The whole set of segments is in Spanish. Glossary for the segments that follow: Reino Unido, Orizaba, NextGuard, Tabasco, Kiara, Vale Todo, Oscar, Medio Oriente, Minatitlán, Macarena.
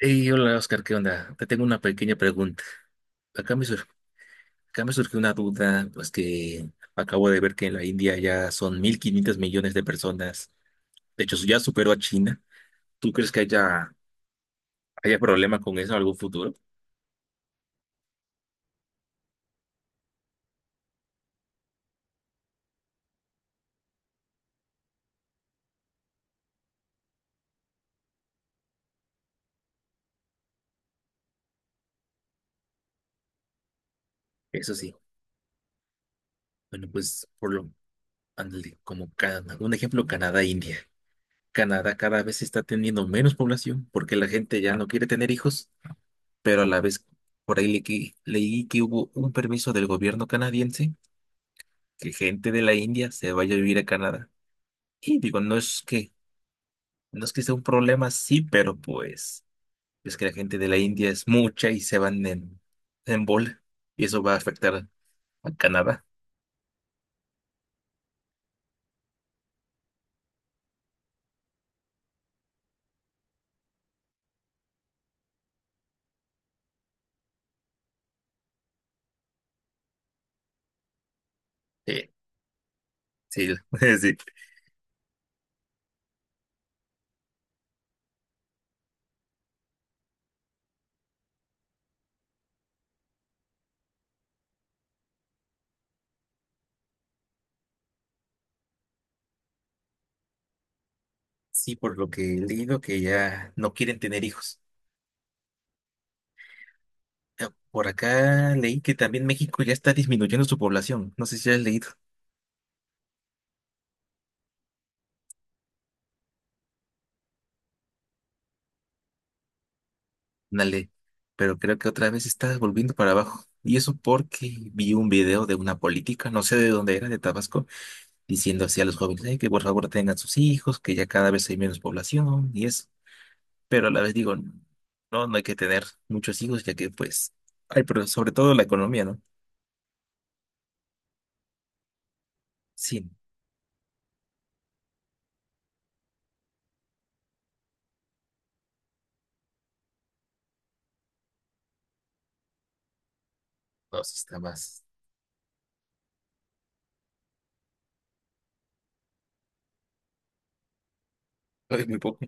Hey, hola Oscar, ¿qué onda? Te tengo una pequeña pregunta. Acá me, sur- Acá me surgió una duda, pues que acabo de ver que en la India ya son 1.500 millones de personas. De hecho, ya superó a China. ¿Tú crees que haya, problema con eso en algún futuro? Eso sí. Bueno, pues por lo, ándale, como un ejemplo, Canadá, India. Canadá cada vez está teniendo menos población porque la gente ya no quiere tener hijos, pero a la vez por ahí leí que hubo un permiso del gobierno canadiense que gente de la India se vaya a vivir a Canadá. Y digo, no es que sea un problema, sí, pero pues es que la gente de la India es mucha y se van en, bola. Y eso va a afectar a Canadá. Sí, sí, sí. Sí, por lo que he leído que ya no quieren tener hijos. Por acá leí que también México ya está disminuyendo su población. No sé si ya has leído una ley, pero creo que otra vez está volviendo para abajo. Y eso porque vi un video de una política, no sé de dónde era, de Tabasco diciendo así a los jóvenes: "Ay, que por favor tengan sus hijos, que ya cada vez hay menos población y eso". Pero a la vez digo, no, no hay que tener muchos hijos, ya que pues, ay, pero sobre todo la economía, ¿no? Sí, no, sí está más. Ay, muy poco.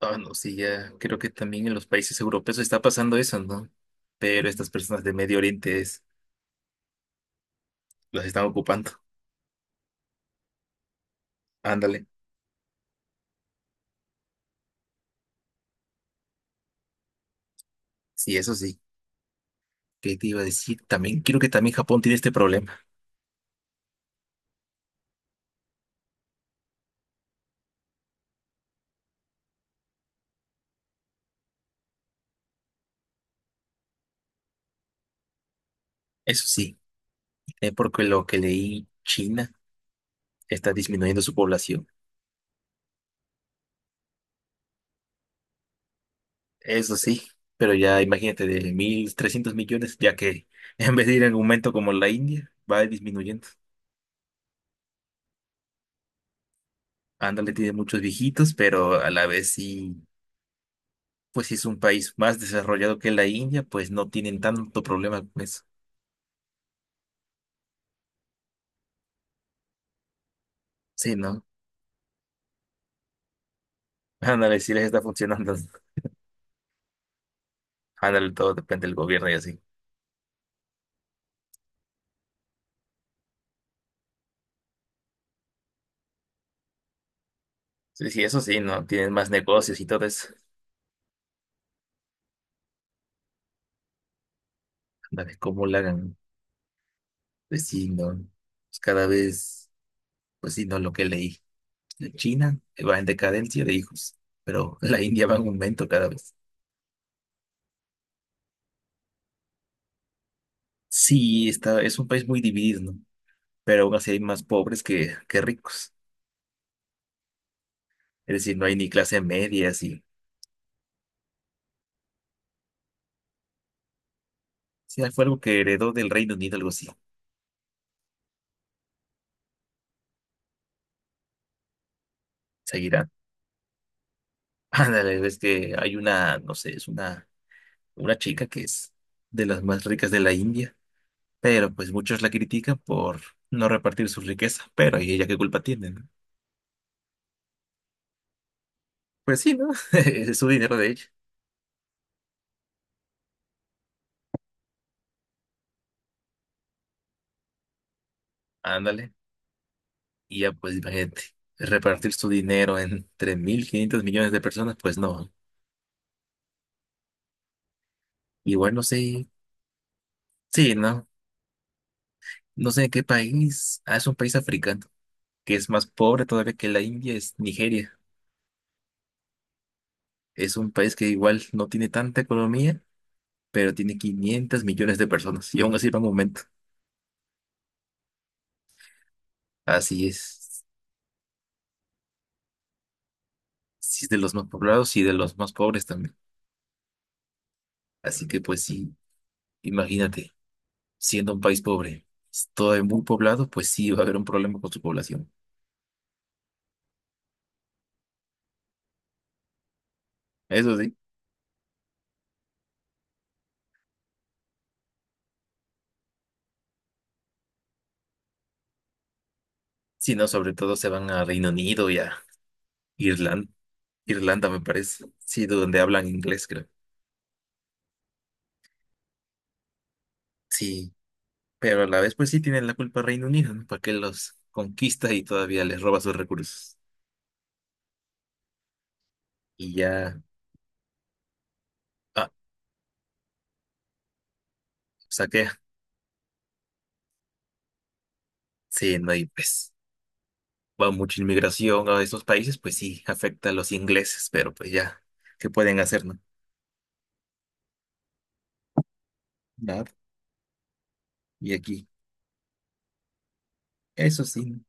Ah, no, sí, ya creo que también en los países europeos está pasando eso, ¿no? Pero estas personas de Medio Oriente es, las están ocupando. Ándale, sí, eso sí. ¿Qué te iba a decir? También creo que también Japón tiene este problema. Eso sí, es porque lo que leí, China está disminuyendo su población. Eso sí, pero ya imagínate, de 1.300 millones, ya que en vez de ir en aumento como la India, va disminuyendo. Ándale, tiene muchos viejitos, pero a la vez sí, pues sí, es un país más desarrollado que la India, pues no tienen tanto problema con eso. Sí, ¿no? Ándale, sí les está funcionando. Ándale, todo depende del gobierno y así. Sí, sí, eso sí, ¿no? Tienen más negocios y todo eso. Ándale, cómo lo hagan. Pues sí, no. Pues cada vez, pues sí, no, lo que leí. China va en decadencia de hijos, pero la India va en aumento cada vez. Sí, está, es un país muy dividido, ¿no? Pero aún así hay más pobres que ricos. Es decir, no hay ni clase media, así. Sí, fue algo que heredó del Reino Unido, algo así. Seguirá. Ándale, ves que hay una, no sé, es una chica que es de las más ricas de la India, pero pues muchos la critican por no repartir su riqueza, pero ¿y ella qué culpa tiene, no? Pues sí, ¿no? Es su dinero de ella. Ándale. Y ya, pues imagínate, repartir su dinero entre 1.500 millones de personas, pues no. Igual no sé, sí, no, no sé qué país. Ah, es un país africano, que es más pobre todavía que la India, es Nigeria. Es un país que igual no tiene tanta economía, pero tiene 500 millones de personas. Y aún así va en aumento. Así es. Sí, es de los más poblados y de los más pobres también. Así que pues sí, imagínate, siendo un país pobre, todo muy poblado, pues sí va a haber un problema con su población. Eso sí. Sí, no, sobre todo se van a Reino Unido y a Irlanda. Irlanda me parece, sí, donde hablan inglés, creo. Sí, pero a la vez pues sí tienen la culpa Reino Unido, ¿no? Porque los conquista y todavía les roba sus recursos. Y ya, ah, saquea. Sí, no, y pues va mucha inmigración a esos países, pues sí, afecta a los ingleses, pero pues ya, ¿qué pueden hacer, no? Nada. Y aquí, eso sí, ¿no?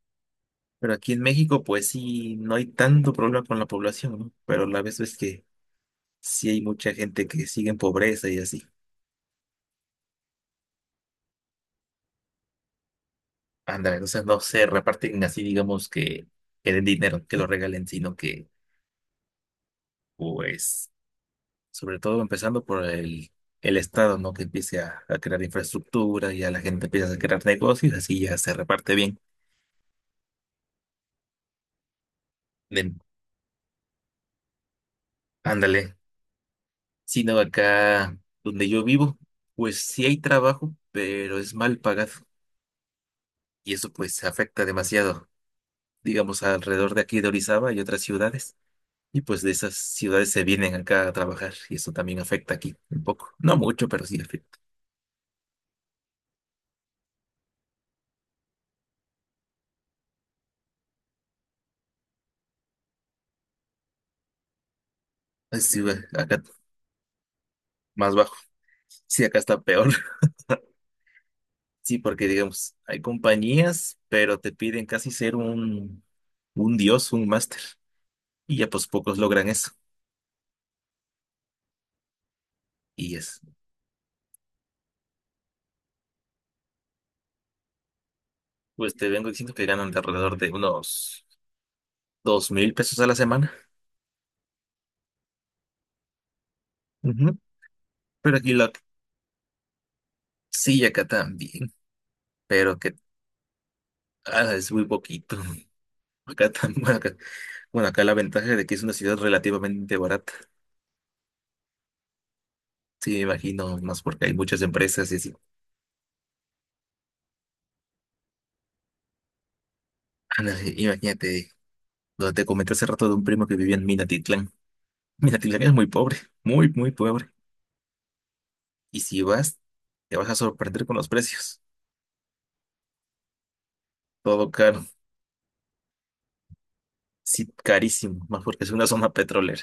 Pero aquí en México pues sí, no hay tanto problema con la población, ¿no? Pero a la vez es que sí hay mucha gente que sigue en pobreza y así. Ándale, o sea, no se reparten así, digamos, que den dinero, que lo regalen, sino que, pues, sobre todo empezando por el Estado, ¿no? Que empiece a crear infraestructura y a la gente empieza a crear negocios, así ya se reparte bien. de- Ándale. Sino acá donde yo vivo, pues sí hay trabajo, pero es mal pagado. Y eso, pues, afecta demasiado. Digamos, alrededor de aquí de Orizaba y otras ciudades. Y pues de esas ciudades se vienen acá a trabajar y eso también afecta aquí un poco. No mucho, pero sí afecta. Así, ve, acá más bajo. Sí, acá está peor. Sí, porque digamos, hay compañías, pero te piden casi ser un dios, un máster. Y ya pues pocos logran eso. Y es, pues te vengo diciendo que ganan de alrededor de unos 2.000 pesos a la semana. Ujú. Pero aquí la, sí, acá también, pero que es muy poquito. Acá también. Bueno, acá la ventaja de que es una ciudad relativamente barata. Sí, me imagino, más porque hay muchas empresas y así. Ah, no, i- Imagínate, donde te comenté hace rato de un primo que vivía en Minatitlán. Minatitlán es muy pobre, muy, muy pobre. Y si vas, te vas a sorprender con los precios. Todo caro, sí, carísimo, más porque es una zona petrolera.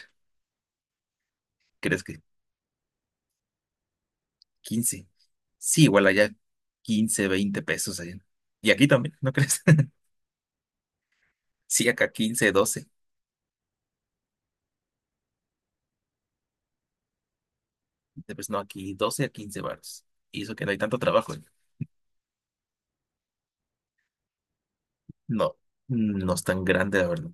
¿Crees que 15? Sí, igual allá 15 20 pesos allá. Y aquí también, ¿no crees? Sí, acá 15 doce. Pues no, aquí 12 a 15 baros. Y eso que no hay tanto trabajo, ¿eh? No, no es tan grande, la verdad.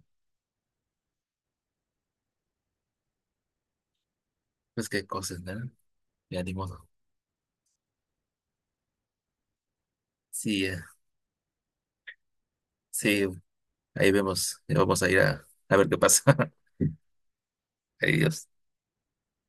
Pues qué cosas, ¿no? Ya ni modo. Sí, sí, ahí vemos. Ya vamos a ir a ver qué pasa. Adiós.